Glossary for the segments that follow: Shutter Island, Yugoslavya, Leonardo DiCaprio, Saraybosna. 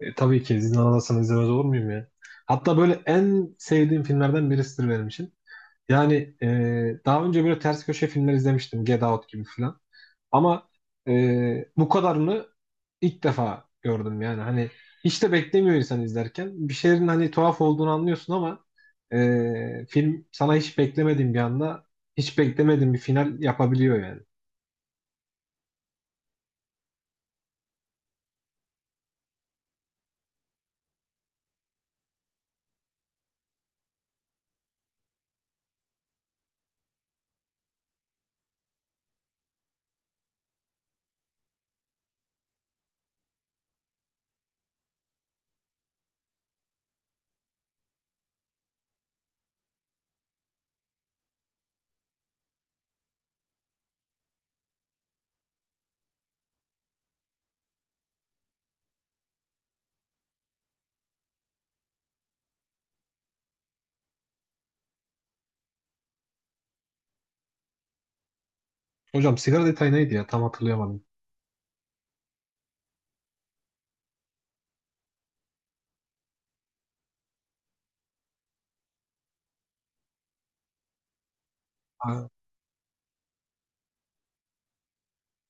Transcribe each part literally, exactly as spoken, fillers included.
E, tabii ki izin alamazsam izlemez olur muyum ya? Hatta böyle en sevdiğim filmlerden birisidir benim için. Yani e, Daha önce böyle ters köşe filmler izlemiştim. Get Out gibi falan. Ama e, Bu kadarını ilk defa gördüm yani. Hani hiç de beklemiyor insan izlerken. Bir şeylerin hani tuhaf olduğunu anlıyorsun ama e, film sana hiç beklemediğin bir anda hiç beklemediğin bir final yapabiliyor yani. Hocam sigara detayı neydi ya? Tam hatırlayamadım.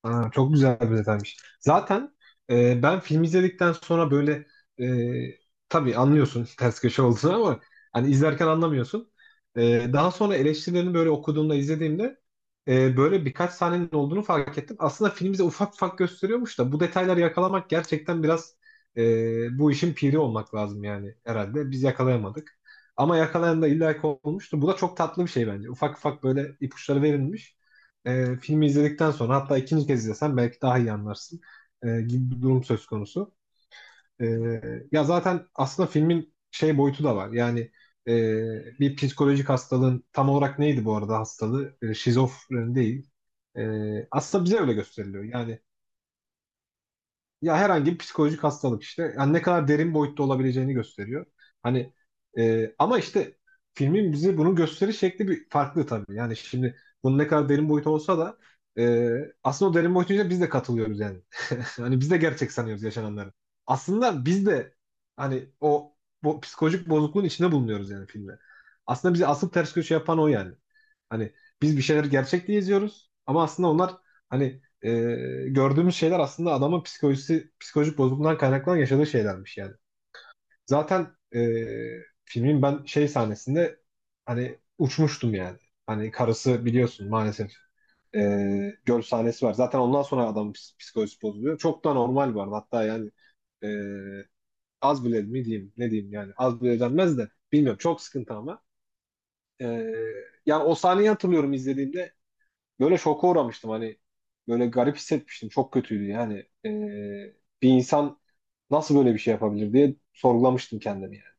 Aa, çok güzel bir detaymış. Zaten e, ben film izledikten sonra böyle e, tabii anlıyorsun ters köşe olduğunu ama hani izlerken anlamıyorsun. E, daha sonra eleştirilerini böyle okuduğumda izlediğimde e, böyle birkaç sahnenin olduğunu fark ettim. Aslında film bize ufak ufak gösteriyormuş da bu detayları yakalamak gerçekten biraz e, bu işin piri olmak lazım yani herhalde. Biz yakalayamadık. Ama yakalayan da illaki olmuştu. Bu da çok tatlı bir şey bence. Ufak ufak böyle ipuçları verilmiş e, filmi izledikten sonra hatta ikinci kez izlesen belki daha iyi anlarsın e, gibi bir durum söz konusu. E, ya zaten aslında filmin şey boyutu da var. Yani e, bir psikolojik hastalığın tam olarak neydi bu arada hastalığı? E, şizofreni değil. E, aslında bize öyle gösteriliyor. Yani ya herhangi bir psikolojik hastalık işte. Yani ne kadar derin boyutta olabileceğini gösteriyor. Hani e, ama işte filmin bize bunu gösteriş şekli bir farklı tabii. Yani şimdi bunun ne kadar derin boyutu olsa da e, aslında o derin boyutuyla biz de katılıyoruz yani. Hani biz de gerçek sanıyoruz yaşananları. Aslında biz de hani o bu psikolojik bozukluğun içinde bulunuyoruz yani filmde. Aslında bizi asıl ters köşe yapan o yani. Hani biz bir şeyleri gerçek diye izliyoruz ama aslında onlar hani e, gördüğümüz şeyler aslında adamın psikolojisi, psikolojik bozukluğundan kaynaklanan yaşadığı şeylermiş yani. Zaten e, Filmin ben şey sahnesinde hani uçmuştum yani. Hani karısı biliyorsun maalesef e, göl sahnesi var. Zaten ondan sonra adamın ps- psikolojisi bozuluyor. Çok da normal var. Hatta yani e, az bile mi diyeyim ne diyeyim yani az bile denmez de bilmiyorum çok sıkıntı ama. E, yani o sahneyi hatırlıyorum izlediğimde böyle şoka uğramıştım hani böyle garip hissetmiştim çok kötüydü yani. Ee, bir insan nasıl böyle bir şey yapabilir diye sorgulamıştım kendimi yani.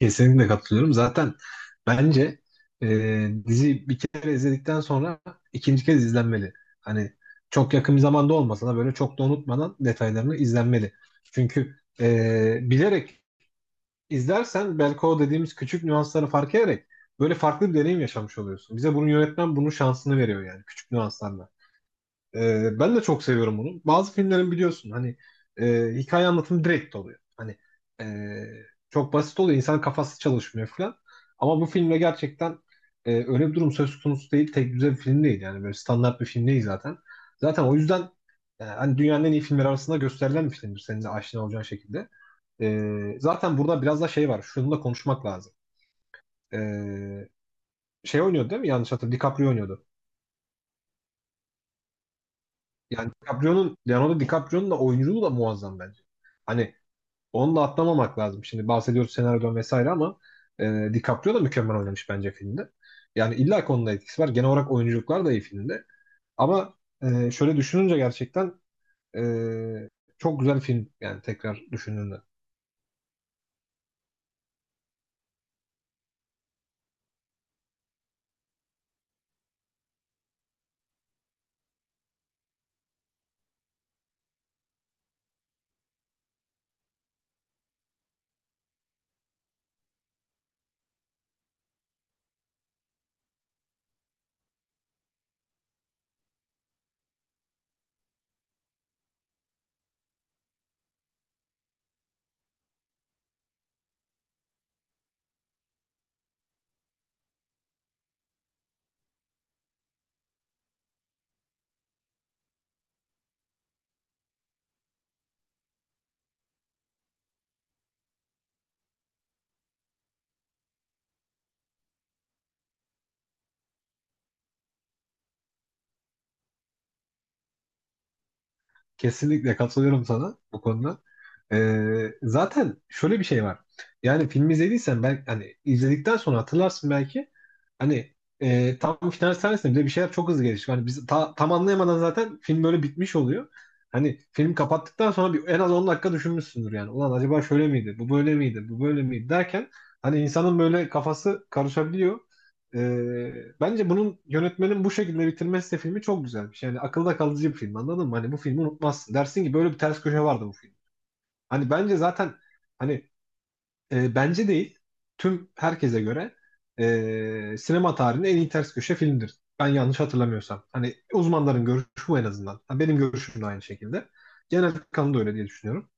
Kesinlikle katılıyorum. Zaten bence e, dizi bir kere izledikten sonra ikinci kez izlenmeli. Hani çok yakın bir zamanda olmasa da böyle çok da unutmadan detaylarını izlenmeli. Çünkü e, bilerek izlersen belki o dediğimiz küçük nüansları fark ederek böyle farklı bir deneyim yaşamış oluyorsun. Bize bunu yönetmen bunun şansını veriyor yani küçük nüanslarla. Ee, ben de çok seviyorum bunu. Bazı filmlerin biliyorsun hani e, hikaye anlatımı direkt oluyor. Hani e, çok basit oluyor. İnsan kafası çalışmıyor falan. Ama bu filmle gerçekten e, öyle bir durum söz konusu değil. Tek düze bir film değil. Yani böyle standart bir film değil zaten. Zaten o yüzden e, hani dünyanın en iyi filmleri arasında gösterilen bir filmdir. Senin de aşina olacağın şekilde. E, zaten burada biraz da şey var. Şunu da konuşmak lazım. E, şey oynuyordu değil mi? Yanlış hatırlamıyorum. DiCaprio oynuyordu. Yani DiCaprio'nun, Leonardo DiCaprio'nun da oyunculuğu da muazzam bence. Hani onu da atlamamak lazım. Şimdi bahsediyoruz senaryodan vesaire ama e, DiCaprio da mükemmel oynamış bence filmde. Yani illa ki onun da etkisi var. Genel olarak oyunculuklar da iyi filmde. Ama e, şöyle düşününce gerçekten e, çok güzel film yani tekrar düşündüğünde. Kesinlikle katılıyorum sana bu konuda. Ee, zaten şöyle bir şey var. Yani film izlediysen belki hani izledikten sonra hatırlarsın belki. Hani e, tam final sahnesinde bile bir şeyler çok hızlı gelişiyor. Hani biz ta- tam anlayamadan zaten film böyle bitmiş oluyor. Hani film kapattıktan sonra bir, en az on dakika düşünmüşsündür yani. Ulan acaba şöyle miydi? Bu böyle miydi? Bu böyle miydi? Derken hani insanın böyle kafası karışabiliyor. Ee, bence bunun yönetmenin bu şekilde bitirmesi de filmi çok güzelmiş. Yani akılda kalıcı bir film anladın mı? Hani bu filmi unutmazsın. Dersin ki böyle bir ters köşe vardı bu film. Hani bence zaten hani e, bence değil tüm herkese göre e, sinema tarihinin en iyi ters köşe filmdir. Ben yanlış hatırlamıyorsam. Hani uzmanların görüşü bu en azından. Ha, benim görüşüm de aynı şekilde. Genel kanı da öyle diye düşünüyorum.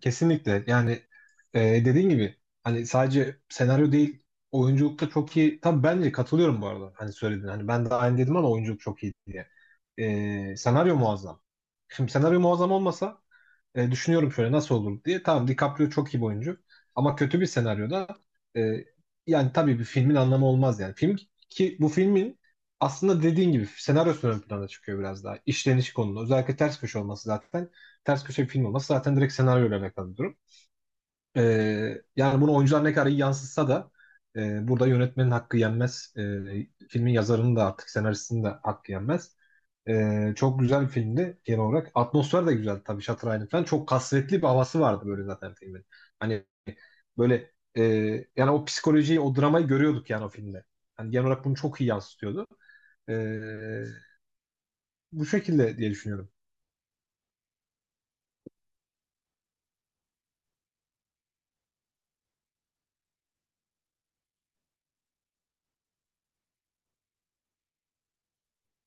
Kesinlikle. Yani e, dediğin gibi hani sadece senaryo değil oyunculukta çok iyi. Tabii bence katılıyorum bu arada. Hani söyledin. Hani ben de aynı dedim ama oyunculuk çok iyi diye. E, senaryo muazzam. Şimdi senaryo muazzam olmasa e, düşünüyorum şöyle nasıl olur diye. Tamam DiCaprio çok iyi bir oyuncu. Ama kötü bir senaryoda e, yani tabii bir filmin anlamı olmaz yani. Film ki bu filmin aslında dediğin gibi senaryosu ön plana çıkıyor biraz daha. İşleniş konulu. Özellikle ters köşe olması zaten. Ters köşe bir film olması zaten direkt senaryoyla alakalı bir durum. E, yani bunu oyuncular ne kadar iyi yansıtsa da e, burada yönetmenin hakkı yenmez. E, filmin yazarının da artık senaristinin de hakkı yenmez. Ee, çok güzel bir filmdi genel olarak. Atmosfer de güzel tabii Shutter Island falan. Çok kasvetli bir havası vardı böyle zaten filmin. Hani böyle e, yani o psikolojiyi, o dramayı görüyorduk yani o filmde. Hani genel olarak bunu çok iyi yansıtıyordu. Ee, Bu şekilde diye düşünüyorum.